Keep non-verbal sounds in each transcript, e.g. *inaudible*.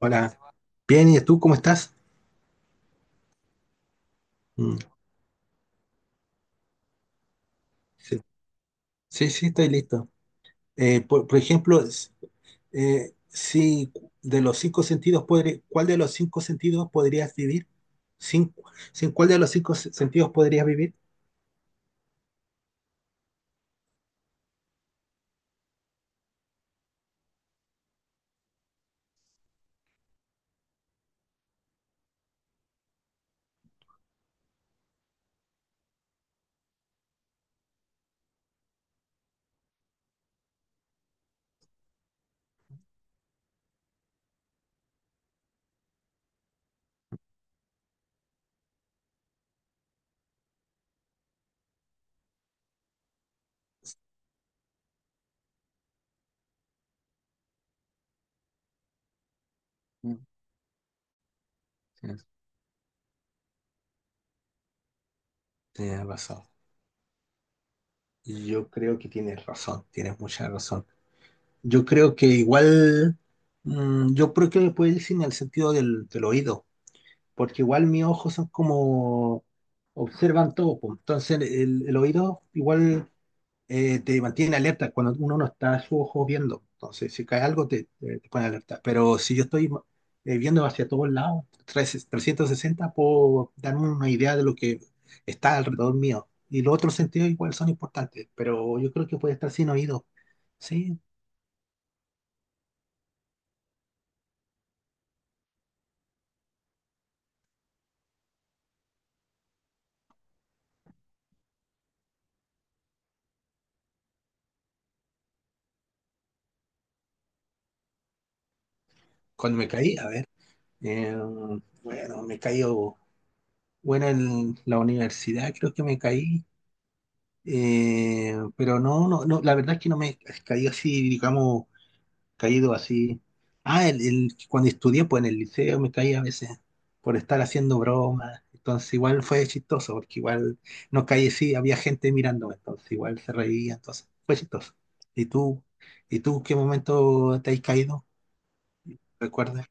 Hola, bien, ¿y tú cómo estás? Mm. Sí, sí, sí, estoy listo. Por ejemplo, si de los cinco sentidos, ¿cuál de los cinco sentidos podrías vivir? ¿Sin, sin cuál de los cinco sentidos podrías vivir? Mm. Tienes, tienes razón. Yo creo que tienes razón, tienes mucha razón. Yo creo que igual, yo creo que le puedes decir en el sentido del oído, porque igual mis ojos son como observan todo, pues. Entonces el oído igual te mantiene alerta cuando uno no está su ojo viendo. Entonces si cae algo te pone alerta. Pero si yo estoy viendo hacia todos lados, 360, puedo darme una idea de lo que está alrededor mío. Y los otros sentidos igual son importantes, pero yo creo que puede estar sin oído. Sí, cuando me caí, a ver, eh, bueno, me caí, bueno, en la universidad creo que me caí. Pero no, no, no, la verdad es que no me caí así, digamos, caído así. Ah, cuando estudié, pues en el liceo me caí a veces por estar haciendo bromas. Entonces igual fue chistoso, porque igual no caí así, había gente mirándome, entonces igual se reía, entonces fue chistoso. ¿Y tú, y tú qué momento te has caído? ¿Recuerdas?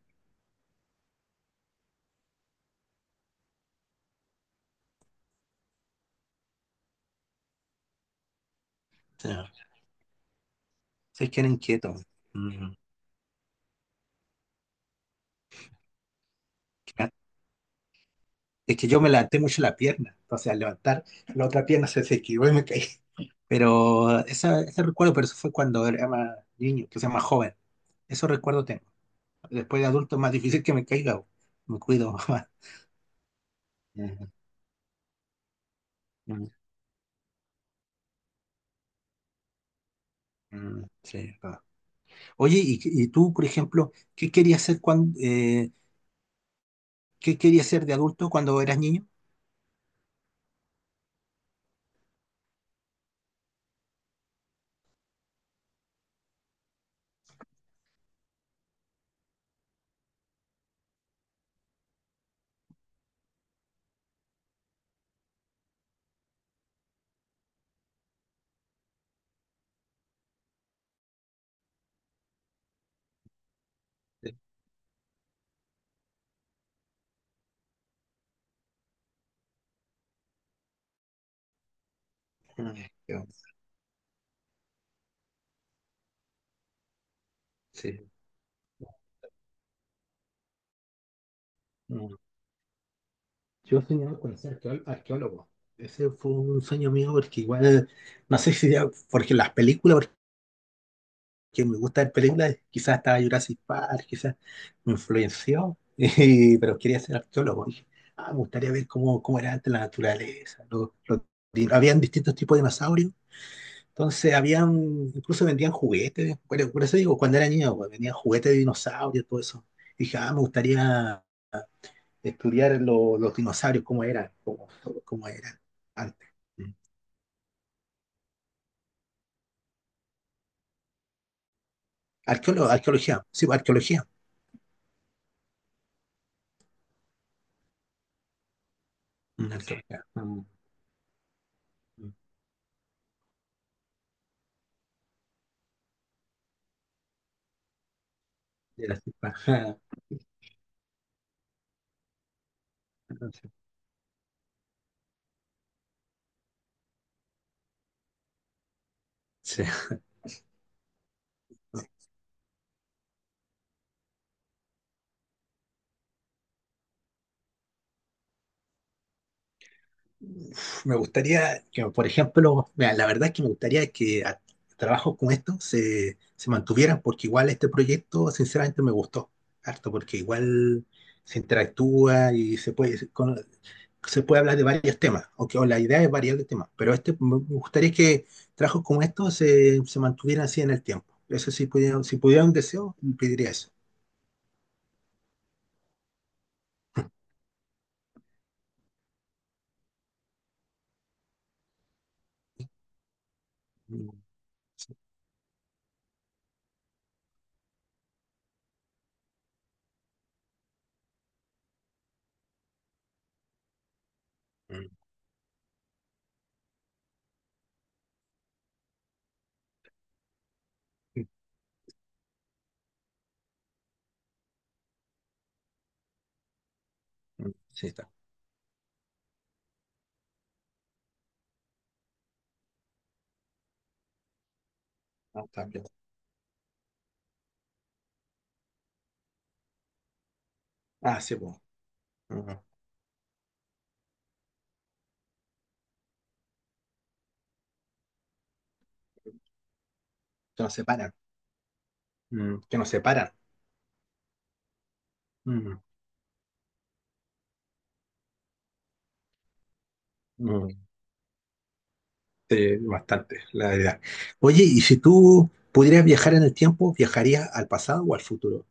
Sí, sí, que era inquieto. Mm. Es que yo me levanté mucho la pierna, entonces al levantar la otra pierna se esquivó y me caí. Pero ese recuerdo, pero eso fue cuando era más niño, que sea más joven. Eso recuerdo tengo. Después de adulto es más difícil que me caiga, bo. Me cuido *laughs* más. Ujú, ujú. Mm, sí, va. Oye, y tú, por ejemplo, qué querías ser de adulto cuando eras niño? Mm, yo, sí. Mm. Yo soñaba con ser arqueólogo. Ese fue un sueño mío porque igual, no sé si era porque las películas, que me gusta ver películas, quizás estaba Jurassic Park, quizás me influenció, *laughs* pero quería ser arqueólogo. Dije, ah, me gustaría ver cómo era antes la naturaleza. Habían distintos tipos de dinosaurios, entonces habían, incluso vendían juguetes. Bueno, por eso digo, cuando era niño, pues, vendían juguetes de dinosaurios, todo eso. Dije, ah, me gustaría estudiar los dinosaurios, cómo eran, cómo eran antes. Mm. Arqueólogo, arqueología, sí, pues, arqueología. Mm. Arqueología. Mm, mm. Jurassic Park. *laughs* Sí. Me gustaría que, por ejemplo, mira, la verdad es que me gustaría que trabajos como estos se mantuvieran, porque igual este proyecto, sinceramente, me gustó harto, porque igual se interactúa y se puede, se puede hablar de varios temas, aunque o la idea es variar de temas, pero este, me gustaría que trabajos como estos se mantuvieran así en el tiempo. Eso sí, pudiera, si pudiera un deseo, pediría eso. Mm, mm, mm, mm, sí, está. Ah, está bien. Ah, sí, pues. Mm. Que nos separan. Mm. Que nos separan. Mm, mm, sí, bastante, la verdad. Oye, y si tú pudieras viajar en el tiempo, ¿viajarías al pasado o al futuro?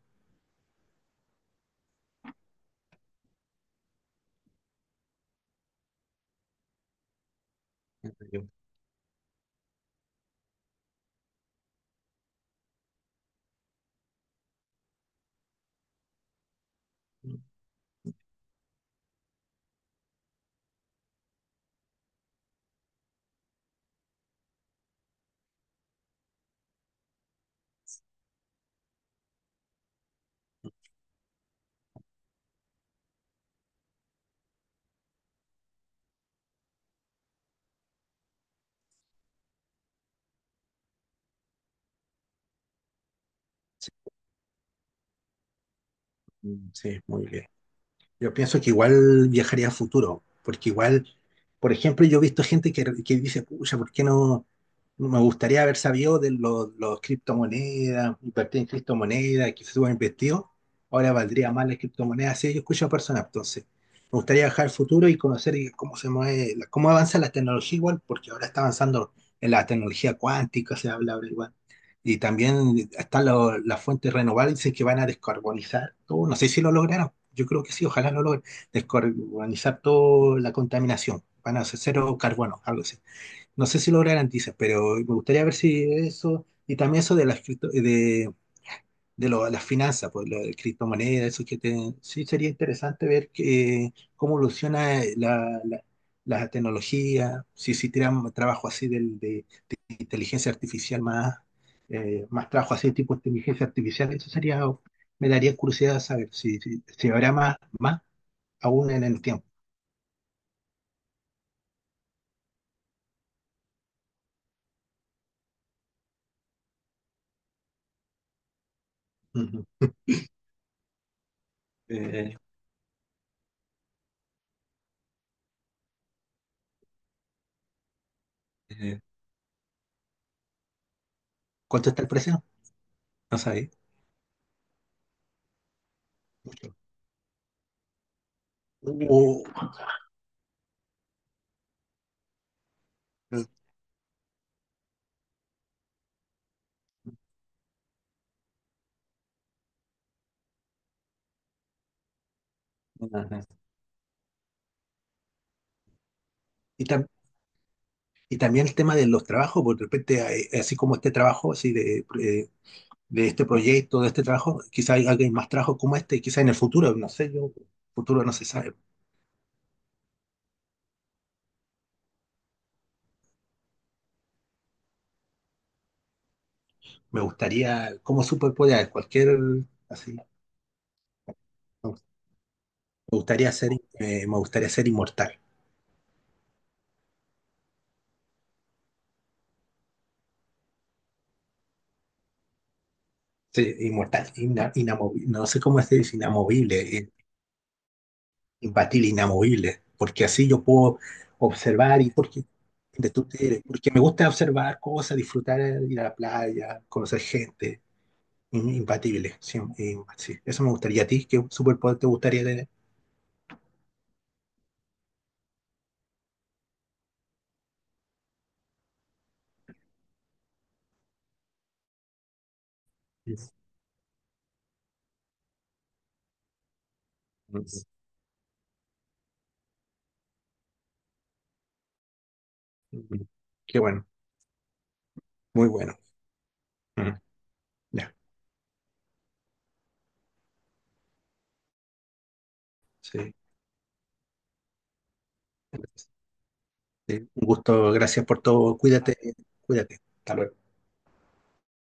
Sí, mm, sí, muy bien. Yo pienso que igual viajaría a futuro, porque igual, por ejemplo, yo he visto gente que dice, pucha, ¿por qué no? No me gustaría haber sabido de los criptomonedas, invertir en criptomonedas, que se hubieran investido. Ahora valdría más las criptomonedas. Sí, yo escucho a personas, entonces. Me gustaría viajar al futuro y conocer cómo se mueve, cómo avanza la tecnología igual, porque ahora está avanzando en la tecnología cuántica, se habla ahora igual. Y también están las fuentes renovables, dicen que van a descarbonizar todo. No sé si lo lograron. Yo creo que sí, ojalá lo logren. Descarbonizar toda la contaminación. Van a hacer cero carbono, algo así. No sé si lo garantizan, pero me gustaría ver si eso, y también eso de las finanzas, pues, la de criptomonedas, eso que sí sería interesante ver que, cómo evoluciona la tecnología, si tiran trabajo así de inteligencia artificial más, más trabajo así tipo inteligencia artificial, eso sería, me daría curiosidad saber si habrá más aún en el tiempo. Ujú. Eh, eh, ¿Cuánto está el precio? No sabía. Mucho. O- Mm. Ajá. Y también Y también el tema de los trabajos, porque de repente, así como este trabajo, así de este proyecto, de este trabajo, quizá hay alguien más trabajo como este, quizá en el futuro, no sé, yo, futuro no se sabe. Me gustaría, como superpoder, cualquier, así, gustaría ser, me gustaría ser inmortal. Sí, inmortal, no sé cómo se dice, inamovible, imbatible, inamovible, porque así yo puedo observar y porque, de tu- porque me gusta observar cosas, disfrutar, ir a la playa, conocer gente, Impatible, sí, sí. Eso me gustaría. ¿A ti qué superpoder te gustaría tener? Mm. Mm, qué bueno, muy bueno. Mm, ya, sí. Un gusto, gracias por todo. Cuídate, cuídate. Hasta luego.